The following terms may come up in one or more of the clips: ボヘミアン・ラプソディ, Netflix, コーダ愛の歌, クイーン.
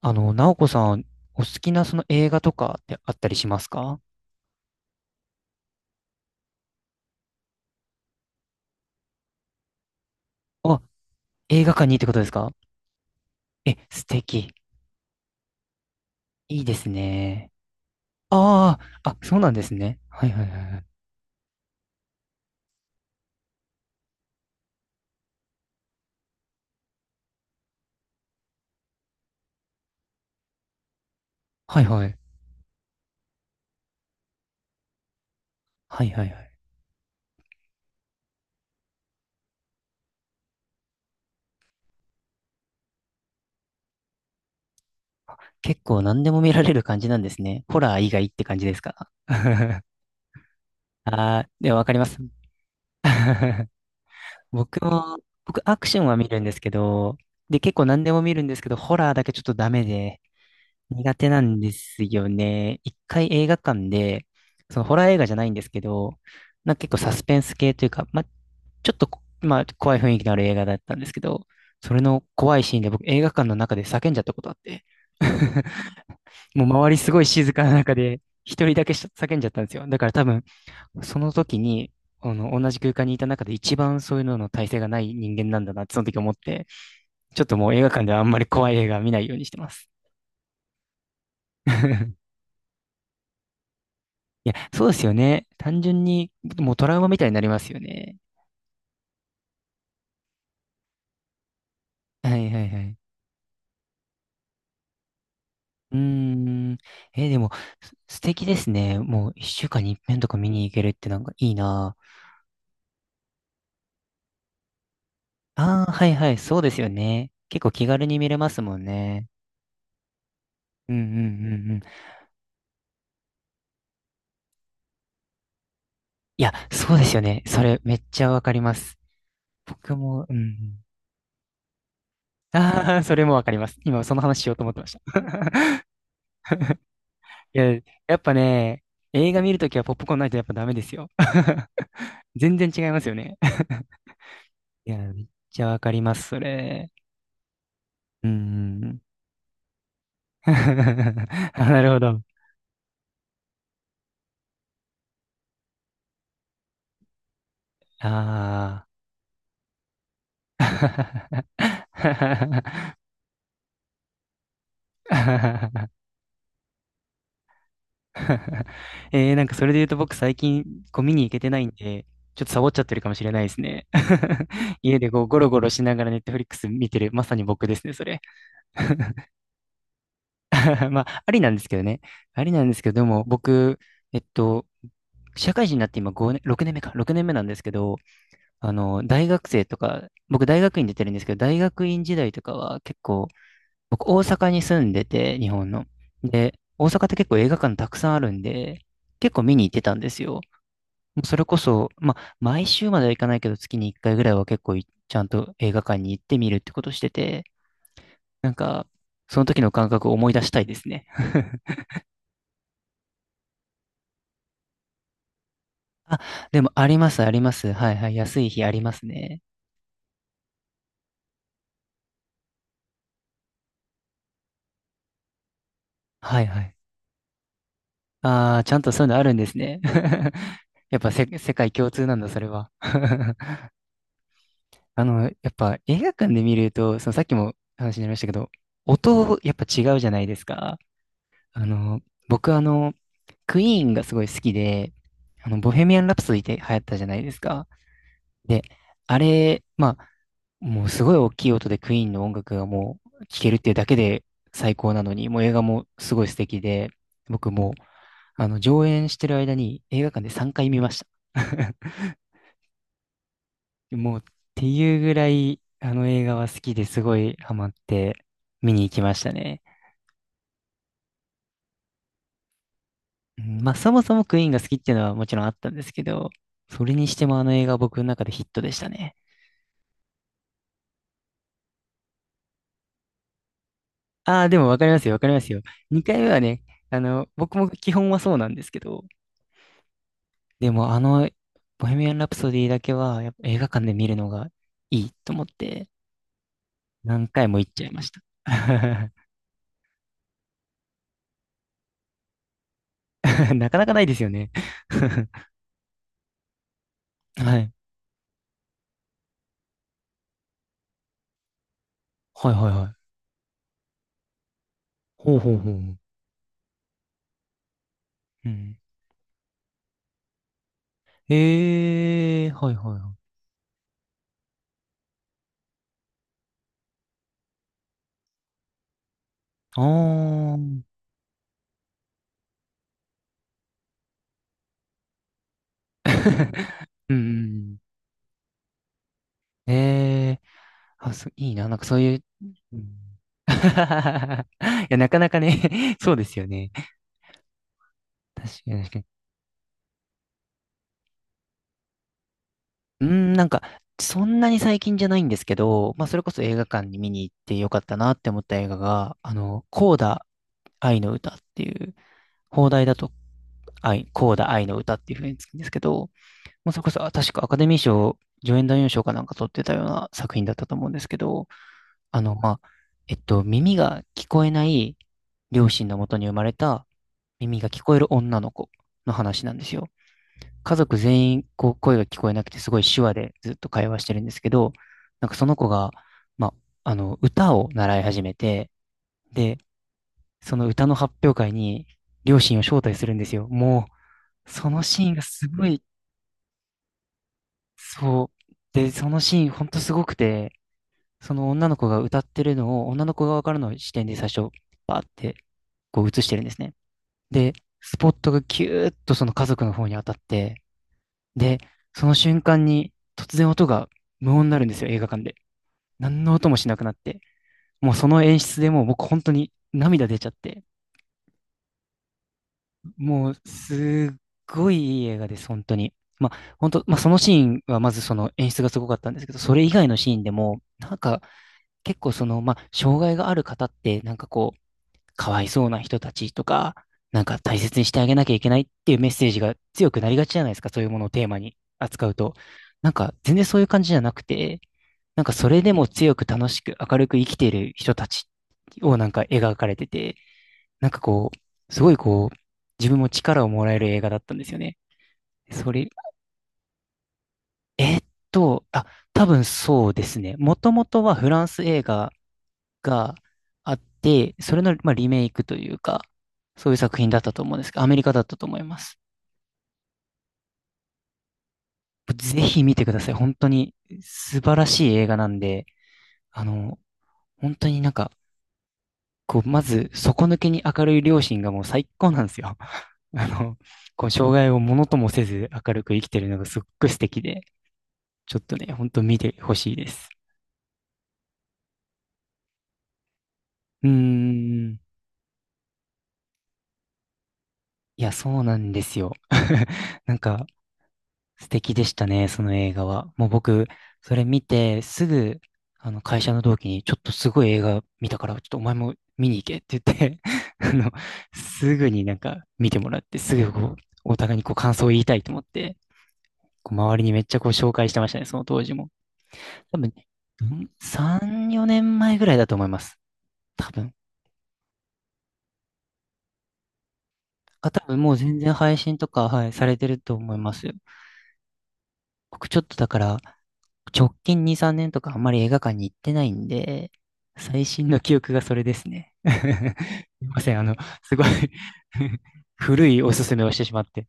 直子さん、お好きなその映画とかってあったりしますか？あ、映画館にってことですか？え、素敵。いいですね。ああ、あ、そうなんですね。はいはいはいはい。はいはい。はいはいはい。結構何でも見られる感じなんですね。ホラー以外って感じですか？ ああ、でもわかります。僕も、僕アクションは見るんですけど、で、結構何でも見るんですけど、ホラーだけちょっとダメで、苦手なんですよね。一回映画館で、そのホラー映画じゃないんですけど、なんか結構サスペンス系というか、まあ、ちょっとこ、まあ、怖い雰囲気のある映画だったんですけど、それの怖いシーンで僕映画館の中で叫んじゃったことあって、もう周りすごい静かな中で一人だけ叫んじゃったんですよ。だから多分、その時に、同じ空間にいた中で一番そういうのの耐性がない人間なんだなってその時思って、ちょっともう映画館ではあんまり怖い映画は見ないようにしてます。いや、そうですよね。単純に、もうトラウマみたいになりますよね。はいはいはい。うーん。でも、素敵ですね。もう一週間に一遍とか見に行けるってなんかいいな。ああ、はいはい、そうですよね。結構気軽に見れますもんね。うんうんうんうん。いや、そうですよね。それめっちゃわかります。僕も、うんうん。ああ、それもわかります。今その話しようと思ってました。いや、やっぱね、映画見るときはポップコーンないとやっぱダメですよ。全然違いますよね。いや、めっちゃわかります、それ。うん。 あ、なるほど。ああ。なんかそれで言うと僕最近ゴミに行けてないんで、ちょっとサボっちゃってるかもしれないですね。家でこうゴロゴロしながらネットフリックス見てる、まさに僕ですね、それ。まあ、ありなんですけどね。ありなんですけど、でも僕、えっと、社会人になって今5年、6年目か、6年目なんですけど、大学生とか、僕大学院出てるんですけど、大学院時代とかは結構、僕大阪に住んでて、日本の。で、大阪って結構映画館たくさんあるんで、結構見に行ってたんですよ。もうそれこそ、まあ、毎週まではいかないけど、月に1回ぐらいは結構ちゃんと映画館に行ってみるってことしてて、なんか、その時の感覚を思い出したいですね。あ、でもあります、あります。はいはい。安い日ありますね。はいはい。ああ、ちゃんとそういうのあるんですね。やっぱ世界共通なんだ、それは。やっぱ映画館で見ると、そのさっきも話になりましたけど、音、やっぱ違うじゃないですか。あの、僕クイーンがすごい好きで、ボヘミアン・ラプソディって流行ったじゃないですか。で、あれ、まあ、もうすごい大きい音でクイーンの音楽がもう聴けるっていうだけで最高なのに、もう映画もすごい素敵で、僕もう、上演してる間に映画館で3回見ました。もう、っていうぐらい、あの映画は好きですごいハマって見に行きましたね。うんまあ、そもそもクイーンが好きっていうのはもちろんあったんですけど、それにしてもあの映画は僕の中でヒットでしたね。ああ、でもわかりますよ、わかりますよ。2回目はね、僕も基本はそうなんですけど、でもボヘミアン・ラプソディだけは、やっぱ映画館で見るのがいいと思って、何回も行っちゃいました。なかなかないですよね。はい。はいはいはい。ほうほうほうほう。うん。ええー、はいはいはい。ああ。うんうんうん。ええあ、そう、いいな。なんかそういう、うん。 いや、なかなかね そうですよね。確かに確かに。うーん、なんか、そんなに最近じゃないんですけど、まあ、それこそ映画館に見に行ってよかったなって思った映画が、コーダ愛の歌っていう、放題だとコーダ愛の歌っていう風につくんですけど、もうそれこそ、あ確かアカデミー賞、助演男優賞かなんか取ってたような作品だったと思うんですけど、まあ、耳が聞こえない両親のもとに生まれた耳が聞こえる女の子の話なんですよ。家族全員こう声が聞こえなくてすごい手話でずっと会話してるんですけど、なんかその子が、まあ、あの歌を習い始めて、で、その歌の発表会に両親を招待するんですよ。もう、そのシーンがすごい、そう。で、そのシーンほんとすごくて、その女の子が歌ってるのを女の子側からの視点で最初、バーってこう映してるんですね。で、スポットがキューッとその家族の方に当たって、で、その瞬間に突然音が無音になるんですよ、映画館で。何の音もしなくなって。もうその演出でもう僕本当に涙出ちゃって。もうすっごいいい映画です、本当に。まあ本当、まあそのシーンはまずその演出がすごかったんですけど、それ以外のシーンでも、なんか結構その、まあ障害がある方ってなんかこう、かわいそうな人たちとか、なんか大切にしてあげなきゃいけないっていうメッセージが強くなりがちじゃないですか、そういうものをテーマに扱うと。なんか全然そういう感じじゃなくて、なんかそれでも強く楽しく明るく生きている人たちをなんか描かれてて、なんかこう、すごいこう、自分も力をもらえる映画だったんですよね。それ、えーっと、あ、多分そうですね。もともとはフランス映画があって、それの、まあ、リメイクというか、そういう作品だったと思うんですけど、アメリカだったと思います。ぜひ見てください。本当に素晴らしい映画なんで、あの、本当になんか、こう、まず、底抜けに明るい両親がもう最高なんですよ。あの、こう、障害をものともせず明るく生きてるのがすっごい素敵で、ちょっとね、ほんと見てほしいです。うーん。いや、そうなんですよ。なんか、素敵でしたね、その映画は。もう僕、それ見て、すぐ、会社の同期に、ちょっとすごい映画見たから、ちょっとお前も見に行けって言って あの、すぐになんか見てもらって、すぐこう、お互いにこう感想を言いたいと思って、こう周りにめっちゃこう紹介してましたね、その当時も。多分ね、うん、3、4年前ぐらいだと思います。多分。あ、多分もう全然配信とか、はい、されてると思いますよ。僕ちょっとだから、直近2、3年とかあんまり映画館に行ってないんで、最新の記憶がそれですね。すいません、すごい 古いおすすめをしてしまって。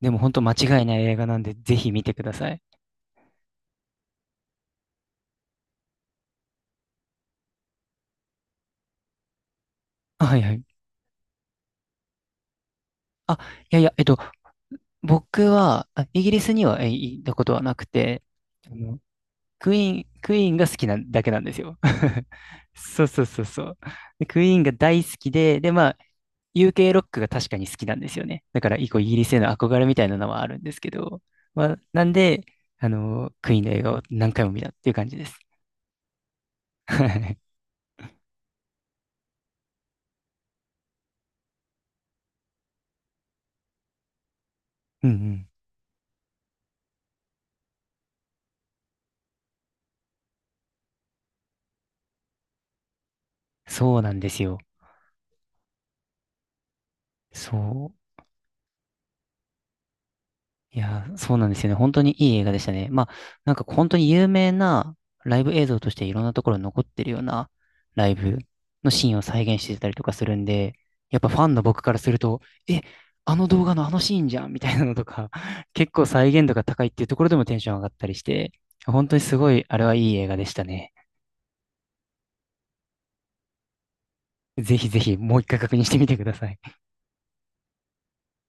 でも本当間違いない映画なんで、ぜひ見てください。あ、はいはい。あ、いやいや、僕は、イギリスには行ったことはなくて、あの、クイーンが好きなだけなんですよ。そうそうそうそう。でクイーンが大好きで、で、まあ、UK ロックが確かに好きなんですよね。だから、以降イギリスへの憧れみたいなのはあるんですけど、まあ、なんで、クイーンの映画を何回も見たっていう感じです。うんうん。そうなんですよ。そう。いやー、そうなんですよね。本当にいい映画でしたね。まあ、なんか本当に有名なライブ映像としていろんなところに残ってるようなライブのシーンを再現してたりとかするんで、やっぱファンの僕からすると、え、あの動画のあのシーンじゃんみたいなのとか、結構再現度が高いっていうところでもテンション上がったりして、本当にすごい、あれはいい映画でしたね。ぜひぜひもう一回確認してみてください。